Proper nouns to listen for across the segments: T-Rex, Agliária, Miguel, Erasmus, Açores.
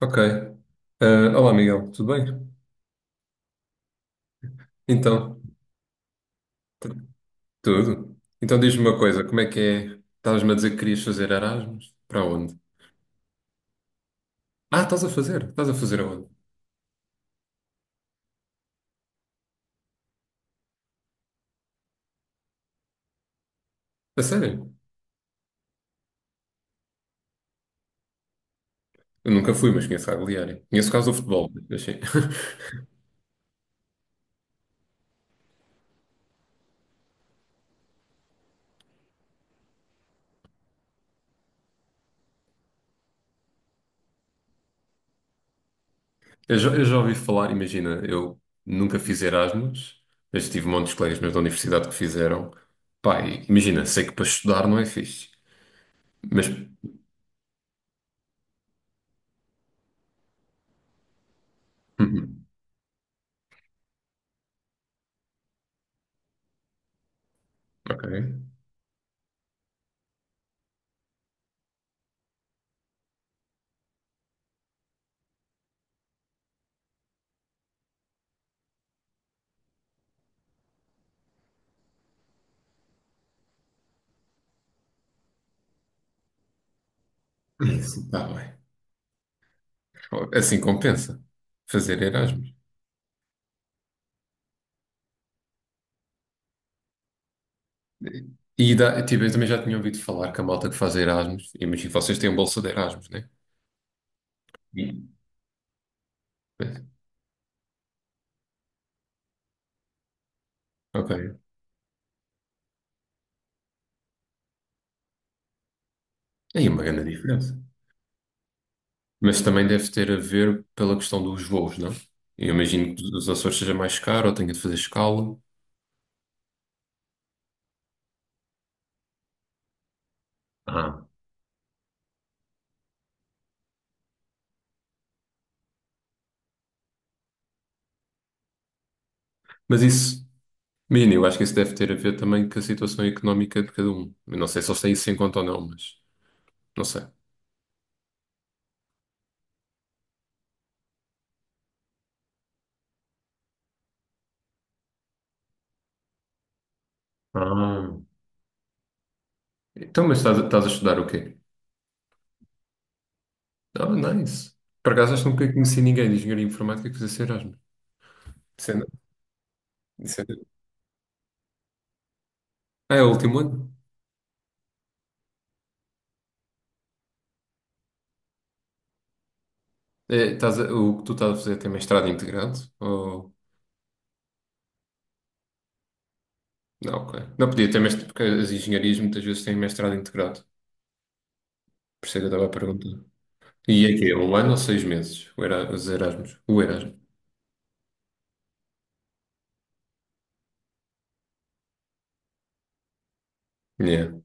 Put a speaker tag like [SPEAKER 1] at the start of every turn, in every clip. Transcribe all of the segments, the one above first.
[SPEAKER 1] Ok. Ah, olá, Miguel, tudo bem? Então, t- tudo. Então diz-me uma coisa, como é que é? Estavas-me a dizer que querias fazer Erasmus? Para onde? Ah, estás a fazer? Estás a fazer aonde? A sério? Eu nunca fui, mas conheço a Agliária. Conheço o caso do futebol, achei. Eu já ouvi falar, imagina, eu nunca fiz Erasmus, mas tive montes de colegas meus da universidade que fizeram. Pá, e imagina, sei que para estudar não é fixe, mas. Uhum, ok. Isso, está bem. Assim compensa fazer Erasmus. E dá, tipo, eu também já tinha ouvido falar que a malta que faz Erasmus, imagino que vocês têm um bolsa de Erasmus, né? Sim. Pois, ok. Aí é uma grande diferença. Mas também deve ter a ver pela questão dos voos, não? Eu imagino que os Açores seja mais caro ou tenha de fazer escala. Ah. Mas isso, menino, eu acho que isso deve ter a ver também com a situação económica de cada um. Eu não sei se eles têm isso em conta ou não, mas não sei. Ah. Então, mas estás a estudar o quê? Ah, nice. Por acaso acho que nunca conheci ninguém de engenharia informática que fizesse Erasmus. Isso é. Ah, é o último ano? É, o que tu estás a fazer tem mestrado integrado? Ou. Não, ok. Não podia ter mestrado, porque as engenharias muitas vezes têm mestrado integrado. Por isso é que eu estava a perguntar. E é que é um ano ou 6 meses? Os Erasmus. O Erasmus. Yeah.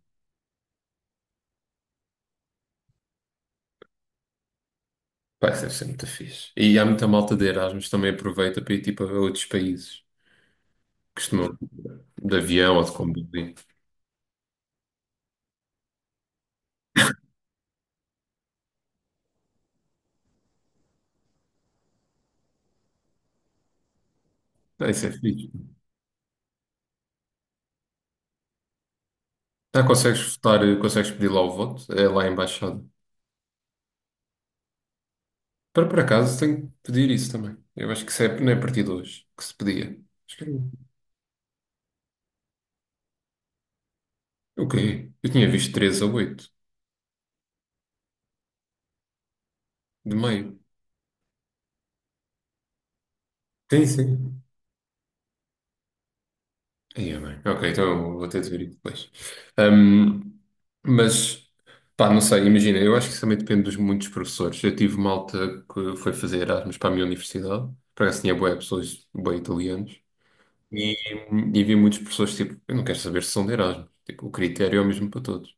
[SPEAKER 1] Vai deve ser muito fixe. E há muita malta de Erasmus também aproveita para ir tipo a outros países. Costumam de avião ou de comboio. Ah, isso é fixe. Ah, consegues votar, consegues pedir lá o voto? É lá a embaixada. Para por acaso tenho que pedir isso também. Eu acho que isso é, não é a partir de hoje que se pedia. Acho que era o quê? Eu tinha visto 13 a 8 de maio. Sim, sim. Aí é bem. Ok, então eu vou ter de ver isso depois. Ahm, mas, pá, não sei, imagina, eu acho que isso também depende dos muitos professores. Eu tive malta que foi fazer Erasmus para a minha universidade, para acaso tinha boas pessoas, boas italianos, e, e vi muitos professores tipo, eu não quero saber se são de Erasmus. Tipo, o critério é o mesmo para todos.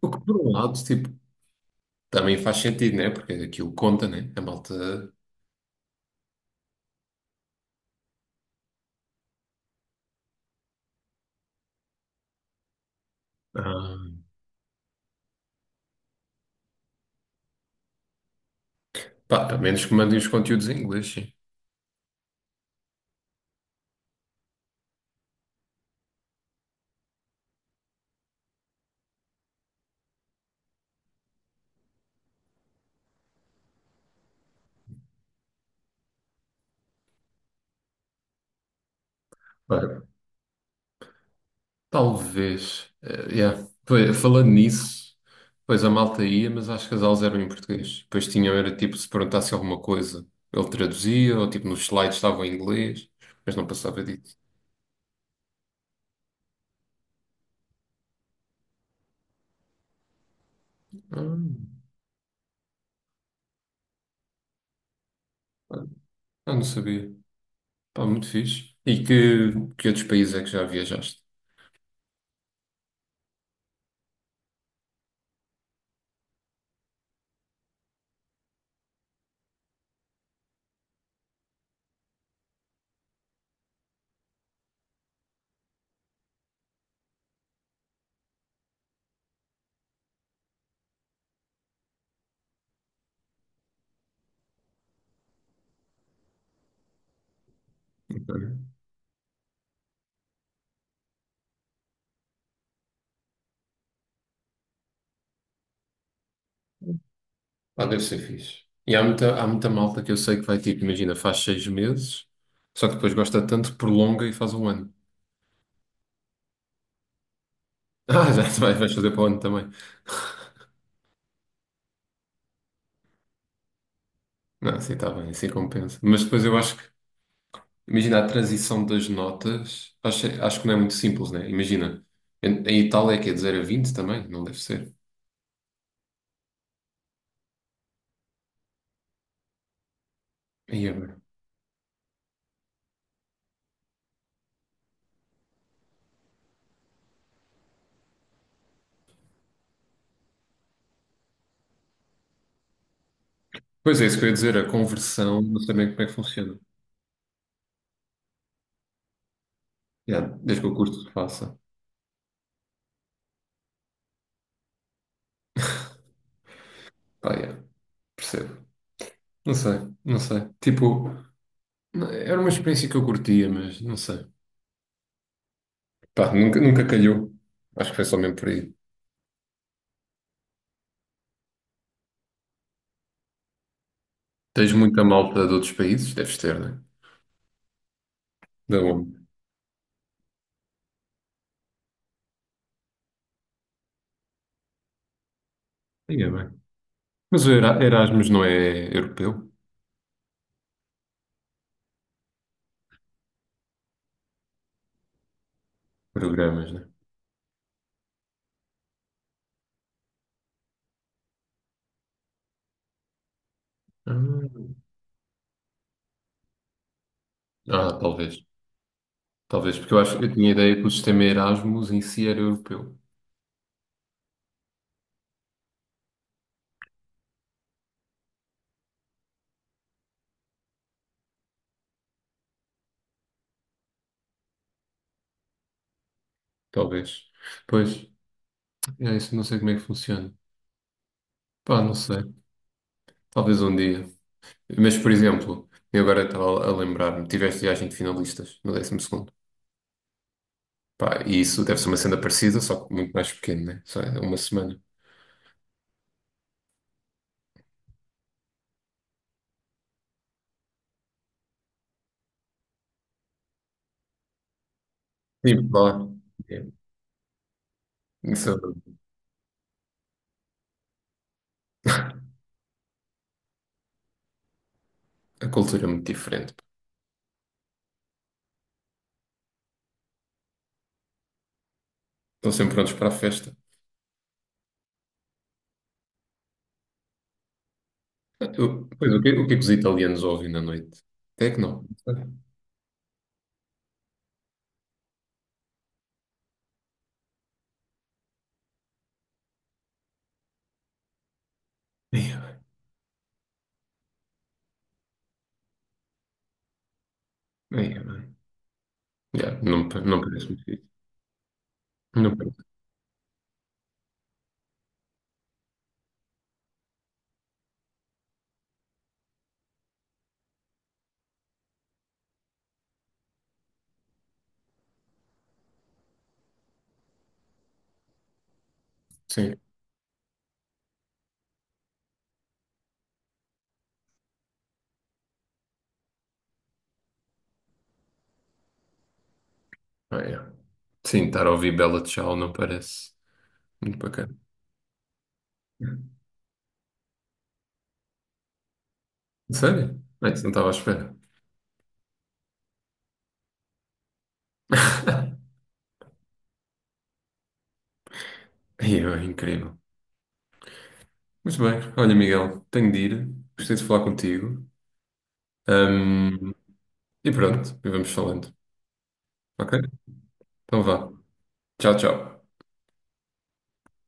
[SPEAKER 1] O que, por um lado, tipo, também faz sentido, né? Porque aquilo conta, né? A malta. Ah, pá, a menos que mandem os conteúdos em inglês, sim. Ora, talvez. Yeah. Pois, falando nisso, pois a malta ia, mas acho que as aulas eram em português. Depois tinham, era tipo, se perguntasse alguma coisa, ele traduzia, ou tipo, nos slides estavam em inglês, mas não passava disso. Ah, ah, não sabia. Pá, muito fixe. E que outros países é que já viajaste? Pá, deve ser fixe. E há muita malta que eu sei que vai tipo, imagina, faz 6 meses, só que depois gosta tanto que prolonga e faz um ano. Ah, já te vais fazer para o ano também. Não, assim está bem, assim compensa. Mas depois eu acho que, imagina, a transição das notas, acho que não é muito simples, né? Imagina, em Itália é que é de 0 a 20 também? Não deve ser. Aí é bem. Pois é, isso que eu ia dizer, a conversão, não sei bem como é que funciona. Yeah, desde que o curso se faça. Pá, yeah, percebo. Não sei, não sei. Tipo, não, era uma experiência que eu curtia, mas não sei. Pá, nunca, nunca calhou. Acho que foi só mesmo por aí. Tens muita malta de outros países? Deves ter, né? Da onde? Sim, é bem. Mas o Erasmus não é europeu? Programas, né? Ah, ah, talvez. Talvez, porque eu acho eu tinha a ideia que o sistema Erasmus em si era europeu. Talvez. Pois, é isso, não sei como é que funciona. Pá, não sei. Talvez um dia. Mas, por exemplo, eu agora estava a lembrar-me, tiveste viagem de finalistas no 12.º. Pá, e isso deve ser uma cena parecida, só que muito mais pequeno, né? Só é uma semana. Sim, lá. É. Isso, a cultura é muito diferente. Estão sempre prontos para a festa. Ah, pois, o que é que os italianos ouvem na noite? Tecno. Yeah, yeah, man. Yeah, não, não parece muito fixe. Não parece. Sim. Ah, yeah. Sim, estar a ouvir Bella Ciao não parece muito bacana. Sério? Ah, isso não estava à espera. Yeah, é incrível. Muito bem. Olha, Miguel, tenho de ir. Gostei de falar contigo. E pronto, e vamos falando. Ok? Então vá. Tchau, tchau.